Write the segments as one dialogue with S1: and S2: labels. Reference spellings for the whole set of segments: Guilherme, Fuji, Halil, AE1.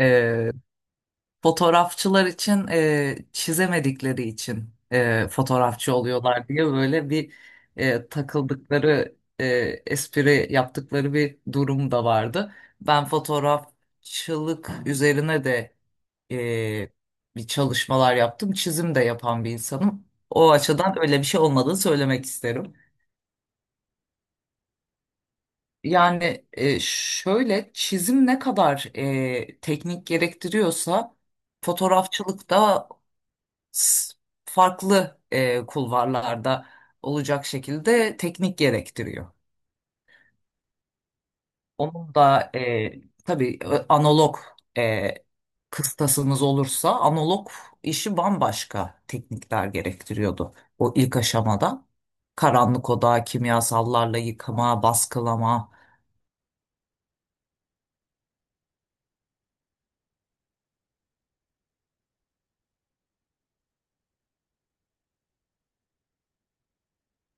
S1: E, Fotoğrafçılar için çizemedikleri için fotoğrafçı oluyorlar diye böyle bir takıldıkları espri yaptıkları bir durum da vardı. Ben fotoğrafçılık üzerine de e, bir çalışmalar yaptım. Çizim de yapan bir insanım. O açıdan öyle bir şey olmadığını söylemek isterim. Yani şöyle çizim ne kadar teknik gerektiriyorsa fotoğrafçılıkta s- farklı kulvarlarda olacak şekilde teknik gerektiriyor. Onun da tabii analog e, kıstasınız olursa analog işi bambaşka teknikler gerektiriyordu. O ilk aşamada karanlık oda, kimyasallarla yıkama, baskılama.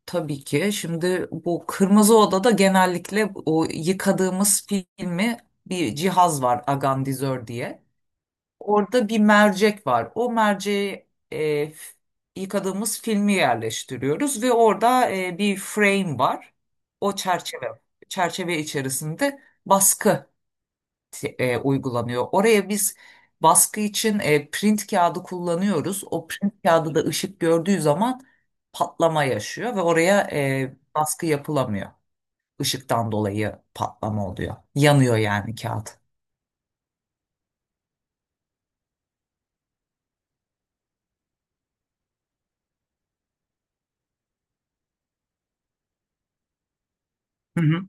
S1: Tabii ki şimdi bu kırmızı odada genellikle o yıkadığımız filmi bir cihaz var agandizör diye. Orada bir mercek var. O merceği yıkadığımız filmi yerleştiriyoruz ve orada bir frame var. O çerçeve içerisinde baskı uygulanıyor. Oraya biz baskı için print kağıdı kullanıyoruz. O print kağıdı da ışık gördüğü zaman patlama yaşıyor ve oraya baskı yapılamıyor. Işıktan dolayı patlama oluyor. Yanıyor yani kağıt. Hı hı.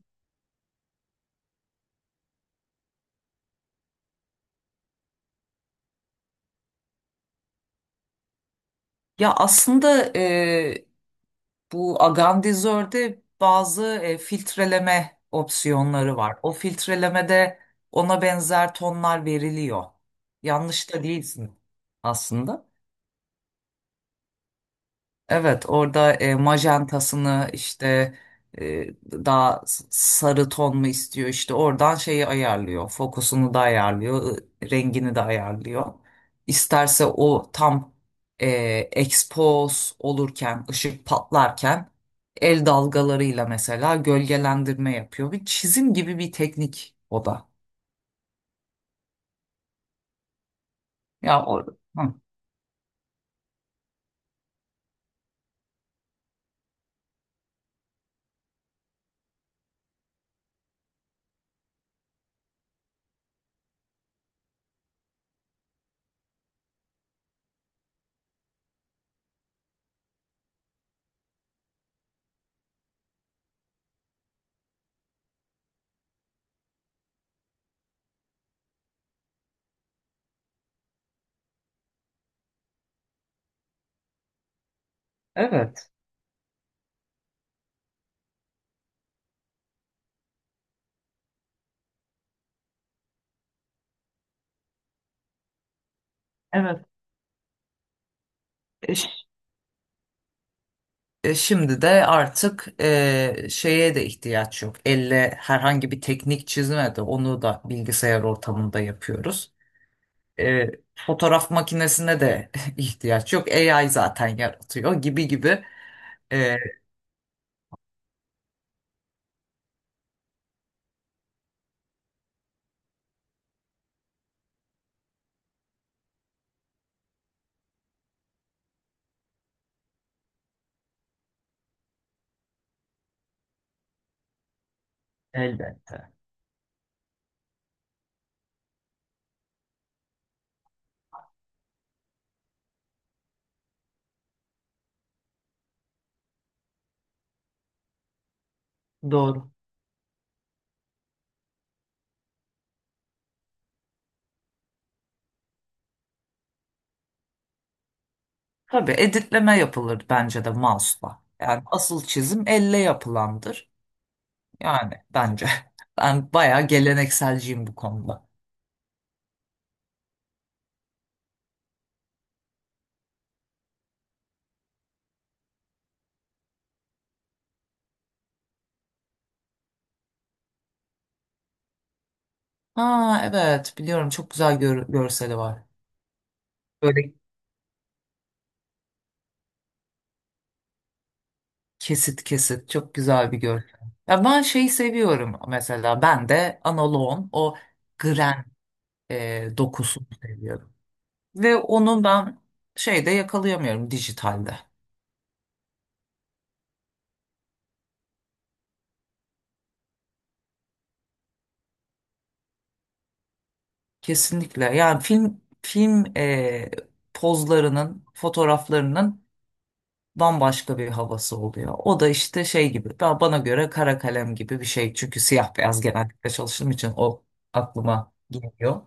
S1: Ya aslında bu agandizörde bazı filtreleme opsiyonları var. O filtrelemede ona benzer tonlar veriliyor. Yanlış da değilsin aslında. Evet, orada majantasını işte, daha sarı ton mu istiyor işte oradan şeyi ayarlıyor. Fokusunu da ayarlıyor, rengini de ayarlıyor. İsterse o tam e, expose olurken, ışık patlarken el dalgalarıyla mesela gölgelendirme yapıyor. Bir çizim gibi bir teknik o da. Ya o, Hı, evet. Evet. Şimdi de artık şeye de ihtiyaç yok. Elle herhangi bir teknik çizme de onu da bilgisayar ortamında yapıyoruz. Fotoğraf makinesine de ihtiyaç yok. AI zaten yaratıyor gibi gibi. E, Elbette. Doğru. Tabii editleme yapılır bence de mouse'la. Yani asıl çizim elle yapılandır. Yani bence. Ben bayağı gelenekselciyim bu konuda. Ha evet biliyorum çok güzel görseli var. Böyle. Kesit kesit çok güzel bir görsel. Ya ben şeyi seviyorum mesela, ben de analoğun o gren dokusunu seviyorum. Ve onu ben şeyde yakalayamıyorum, dijitalde. Kesinlikle, yani film pozlarının, fotoğraflarının bambaşka bir havası oluyor. O da işte şey gibi, ben bana göre kara kalem gibi bir şey. Çünkü siyah beyaz genellikle çalıştığım için o aklıma geliyor.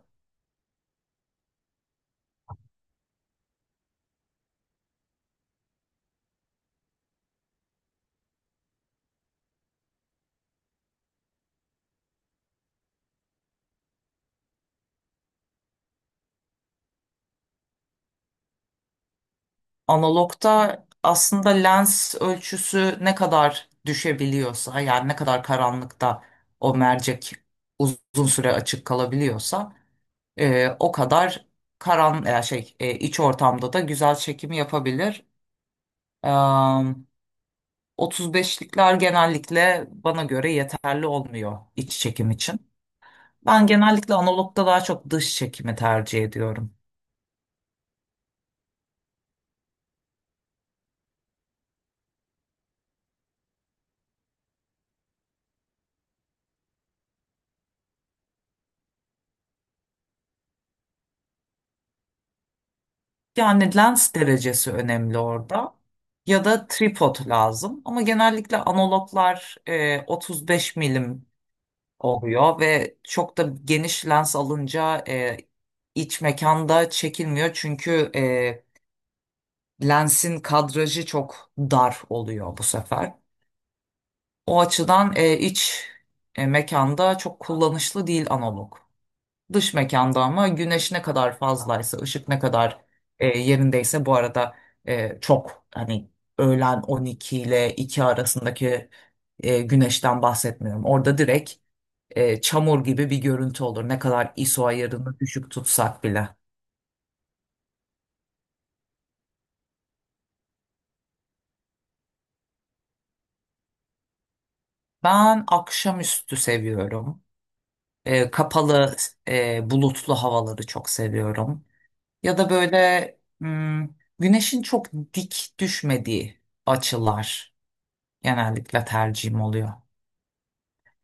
S1: Analogta aslında lens ölçüsü ne kadar düşebiliyorsa, yani ne kadar karanlıkta o mercek uzun süre açık kalabiliyorsa o kadar karan ya şey e, iç ortamda da güzel çekimi yapabilir. Eee 35'likler genellikle bana göre yeterli olmuyor iç çekim için. Ben genellikle analogda daha çok dış çekimi tercih ediyorum. Yani lens derecesi önemli orada. Ya da tripod lazım. Ama genellikle analoglar 35 milim oluyor ve çok da geniş lens alınca iç mekanda çekilmiyor. Çünkü lensin kadrajı çok dar oluyor bu sefer. O açıdan mekanda çok kullanışlı değil analog. Dış mekanda ama güneş ne kadar fazlaysa, ışık ne kadar yerindeyse, bu arada çok hani öğlen 12 ile 2 arasındaki güneşten bahsetmiyorum. Orada direkt çamur gibi bir görüntü olur, ne kadar ISO ayarını düşük tutsak bile. Ben akşamüstü seviyorum. Kapalı, bulutlu havaları çok seviyorum. Ya da böyle güneşin çok dik düşmediği açılar genellikle tercihim oluyor.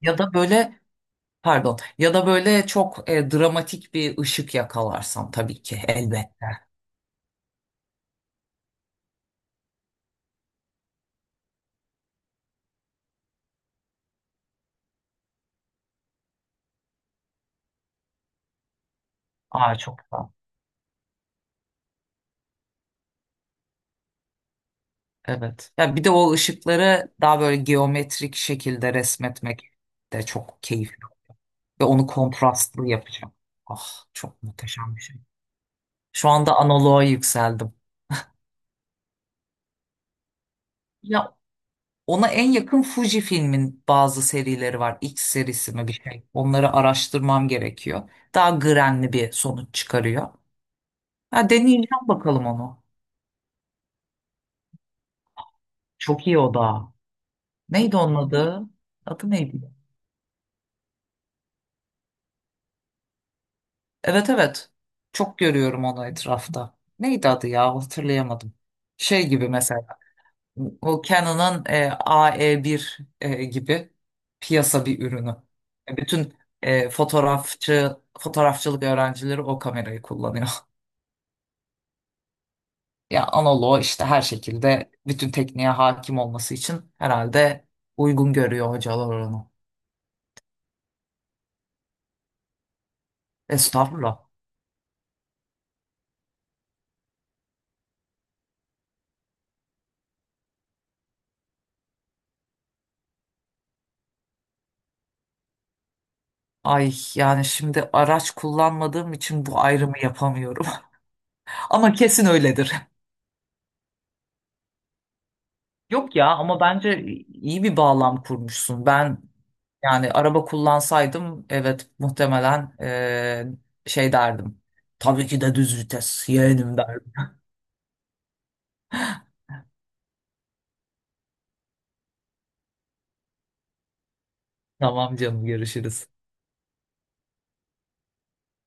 S1: Ya da böyle, pardon, ya da böyle çok dramatik bir ışık yakalarsam tabii ki elbette. Aa çok da. Evet. Ya bir de o ışıkları daha böyle geometrik şekilde resmetmek de çok keyif. Ve onu kontrastlı yapacağım. Ah çok muhteşem bir şey. Şu anda analoğa yükseldim. Ya, ona en yakın Fuji filmin bazı serileri var. X serisi mi bir şey. Onları araştırmam gerekiyor. Daha grenli bir sonuç çıkarıyor. Ha, deneyeceğim bakalım onu. Çok iyi o da. Neydi onun adı? Adı neydi? Evet evet. Çok görüyorum onu etrafta. Neydi adı ya? Hatırlayamadım. Şey gibi mesela. O Canon'ın AE1 gibi piyasa bir ürünü. Bütün fotoğrafçılık öğrencileri o kamerayı kullanıyor. Ya analoğu işte her şekilde bütün tekniğe hakim olması için herhalde uygun görüyor hocalar onu. Estağfurullah. Ay yani şimdi araç kullanmadığım için bu ayrımı yapamıyorum. Ama kesin öyledir. Yok ya, ama bence iyi bir bağlam kurmuşsun. Ben, yani araba kullansaydım evet muhtemelen şey derdim. Tabii ki de düz vites yeğenim derdim. Tamam canım, görüşürüz.